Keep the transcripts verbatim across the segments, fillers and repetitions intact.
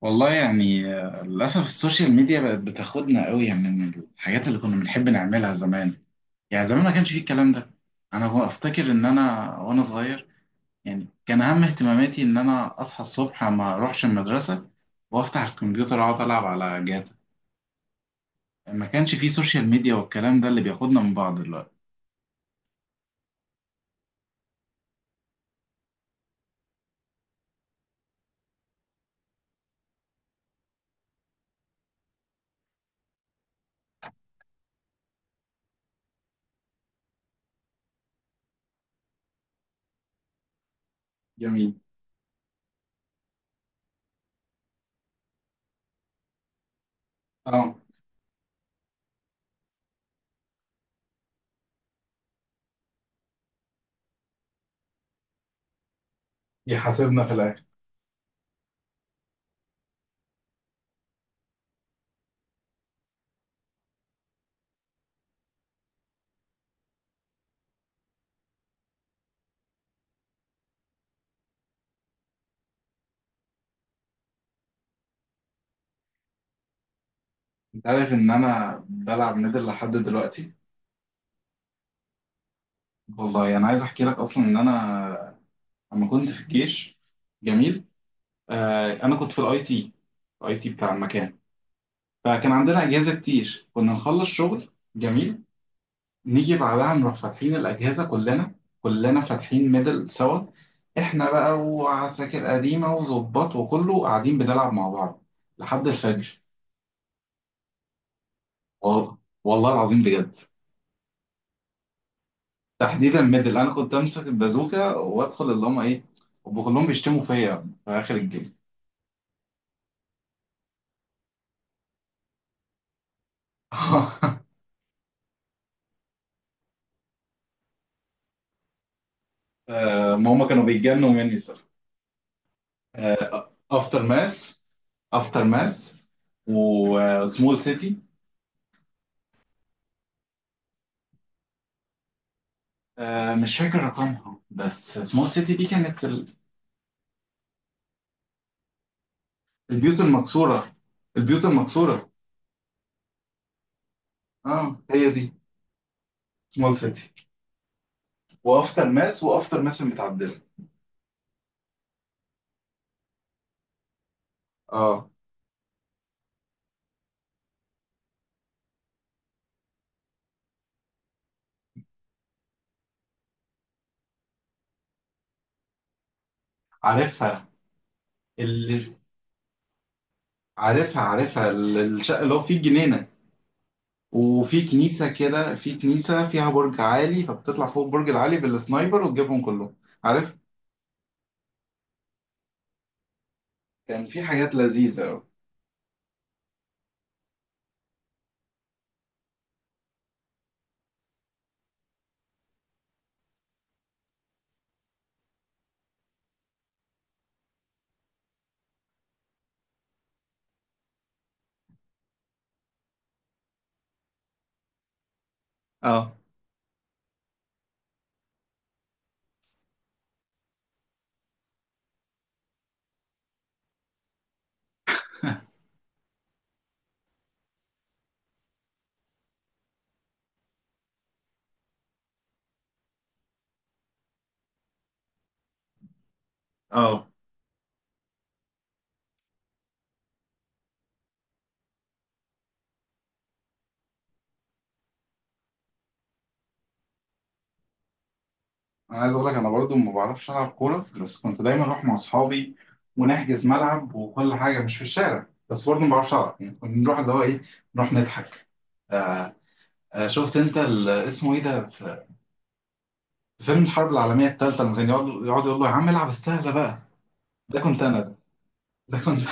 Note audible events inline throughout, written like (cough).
والله، يعني آه، للأسف السوشيال ميديا بقت بتاخدنا قوي، يعني من الحاجات اللي كنا بنحب نعملها زمان. يعني زمان ما كانش فيه الكلام ده. أنا هو أفتكر إن أنا وأنا صغير يعني كان أهم اهتماماتي إن أنا أصحى الصبح ما أروحش المدرسة وأفتح الكمبيوتر أقعد ألعب على جاتا. ما كانش فيه سوشيال ميديا والكلام ده اللي بياخدنا من بعض دلوقتي. جميل. اه. يحاسبنا في الآخر. أنت عارف إن أنا بلعب ميدل لحد دلوقتي. والله أنا يعني عايز أحكي لك أصلا إن أنا لما كنت في الجيش. جميل. آه، انا كنت في الاي تي، الاي تي بتاع المكان. فكان عندنا اجهزه كتير كنا نخلص شغل. جميل. نيجي بعدها نروح فاتحين الاجهزه كلنا، كلنا فاتحين ميدل سوا. احنا بقى وعساكر قديمه وظباط وكله قاعدين بنلعب مع بعض لحد الفجر. والله. والله العظيم بجد. تحديدا ميدل انا كنت امسك البازوكه وادخل اللي هم ايه، هم كلهم بيشتموا فيا في اخر الجيم. (laughs) آه، ما هم كانوا بيتجنوا مني صراحه. افتر ماس. افتر ماس وسمول سيتي. مش فاكر رقمها، بس سمول سيتي دي كانت ال- البيوت المكسوره، البيوت المكسوره. اه هي دي سمول سيتي. وافتر ماس، وافتر ماس المتعدله. اه. عارفها، اللي عارفها، عارفها ال- الشقه اللي هو فيه الجنينه، وفي كنيسه كده، في كنيسه فيها برج عالي فبتطلع فوق البرج العالي بالسنايبر وتجيبهم كلهم. عارف. كان في حاجات لذيذه. اه. اه، انا عايز اقول لك انا برضو ما بعرفش العب كوره، بس كنت دايما اروح مع اصحابي ونحجز ملعب وكل حاجه مش في الشارع، بس برضو ما بعرفش العب، يعني كنا نروح اللي هو ايه، نروح نضحك. آه. آه، شفت انت ال- اسمه ايه ده في في فيلم الحرب العالميه الثالثه لما كان يقعد يقعد يقول له يا عم العب السهله بقى؟ ده كنت انا ده ده كنت.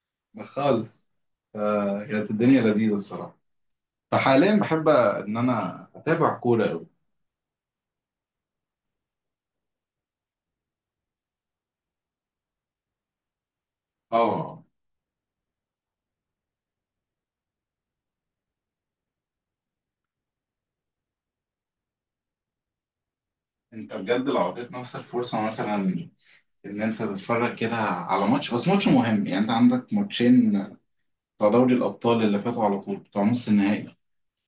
(laughs) أنا خالص. آه، كانت الدنيا لذيذه الصراحه. فحاليا بحب ان انا اتابع كوره قوي. اه، انت بجد لو اعطيت نفسك فرصه مثلا ان انت تتفرج كده على ماتش، بس ماتش مهم، يعني انت عندك ماتشين بتوع دوري الابطال اللي فاتوا على طول، بتوع نص النهائي،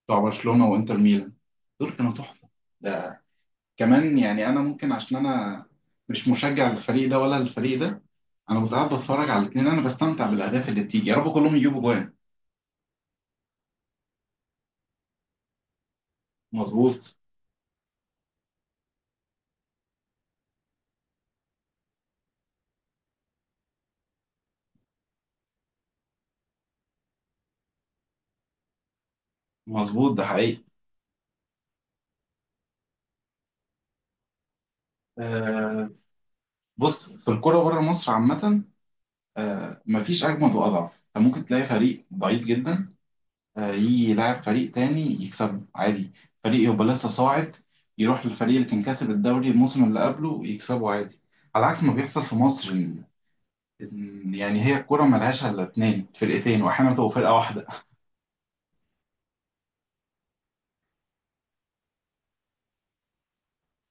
بتوع برشلونة وانتر ميلان، دول كانوا تحفة. ده كمان يعني انا ممكن، عشان انا مش مشجع للفريق ده ولا للفريق ده، انا كنت قاعد بتفرج على الاثنين. انا بستمتع بالاهداف اللي بتيجي، يا رب كلهم يجيبوا جوان. مظبوط. مظبوط، ده حقيقي. آه، بص في الكرة بره مصر عامة، آه مفيش اجمد واضعف، انت ممكن تلاقي فريق ضعيف جدا آه، يجي يلعب فريق تاني يكسبه عادي، فريق يبقى لسه صاعد يروح للفريق اللي كان كاسب الدوري الموسم اللي قبله يكسبه عادي، على عكس ما بيحصل في مصر، إن إن يعني هي الكرة ملهاش إلا اتنين فرقتين، وأحيانا تبقى فرقة واحدة.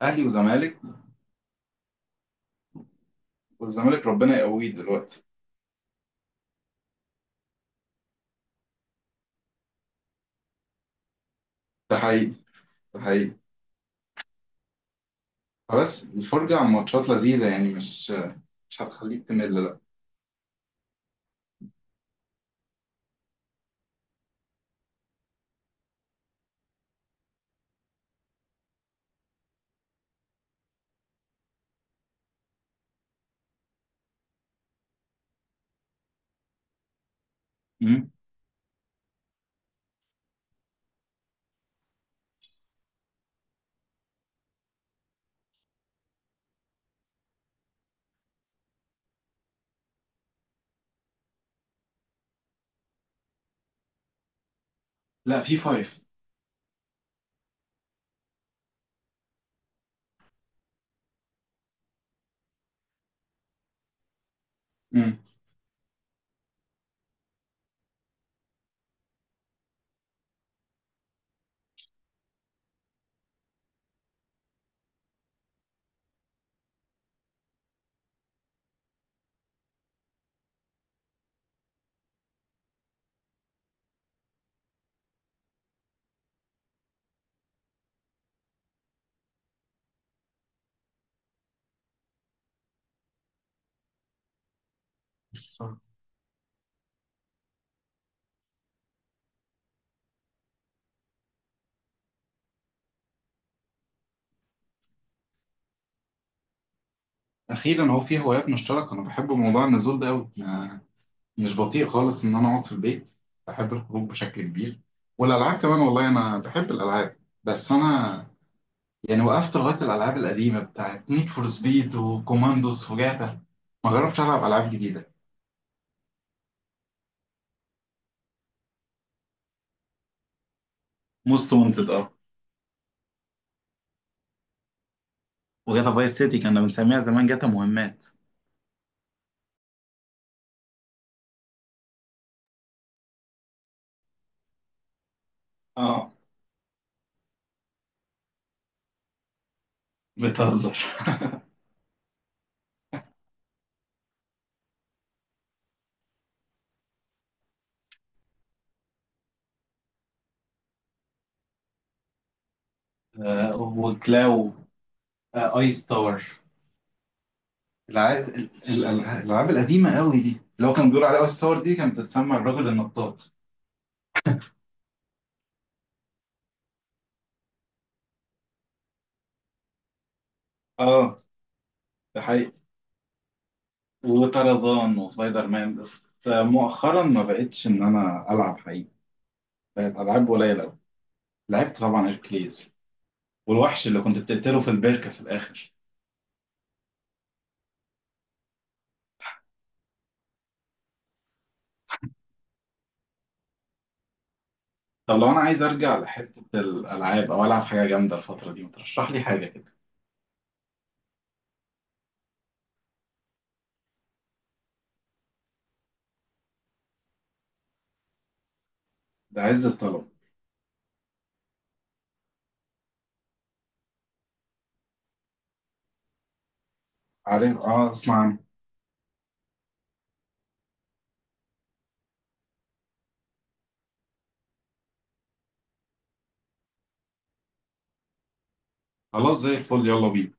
أهلي وزمالك. والزمالك ربنا يقويه دلوقتي. ده حقيقي. ده حقيقي. بس الفرجة على ماتشات لذيذة، يعني مش، مش هتخليك تمل لا. مم. لا في فايف. مم. بس أخيرا هو في هوايات مشتركة. أنا بحب موضوع النزول ده أوي، مش بطيء خالص ان انا اقعد في البيت. بحب الخروج بشكل كبير. والالعاب كمان، والله انا بحب الالعاب، بس انا يعني وقفت لغايه الالعاب القديمه بتاعت نيد فور سبيد وكوماندوس وجاتا. ما جربتش العب العاب جديده. موست وانتد اه. وجاتا فايس سيتي كنا بنسميها زمان جاتا مهمات. اه. بتهزر. آه وكلاو. آه ايس تاور. العاب ال- ال- الالعاب القديمه قوي دي، اللي هو كان بيقول عليها اي ستار، دي كانت بتتسمى الرجل النطاط. اه. ده حقيقي. وطرزان وسبايدر مان، بس مؤخرا ما بقتش ان انا العب حقيقي. بقت العاب قليله قوي. لعبت طبعا اركليز، والوحش اللي كنت بتقتله في البركه في الاخر. طب لو انا عايز ارجع لحته الالعاب او العب حاجه جامده الفتره دي، ما ترشح لي حاجه كده؟ ده عز الطلب. عارف، اه، اسمع عنه. خلاص زي الفل، يلا بينا.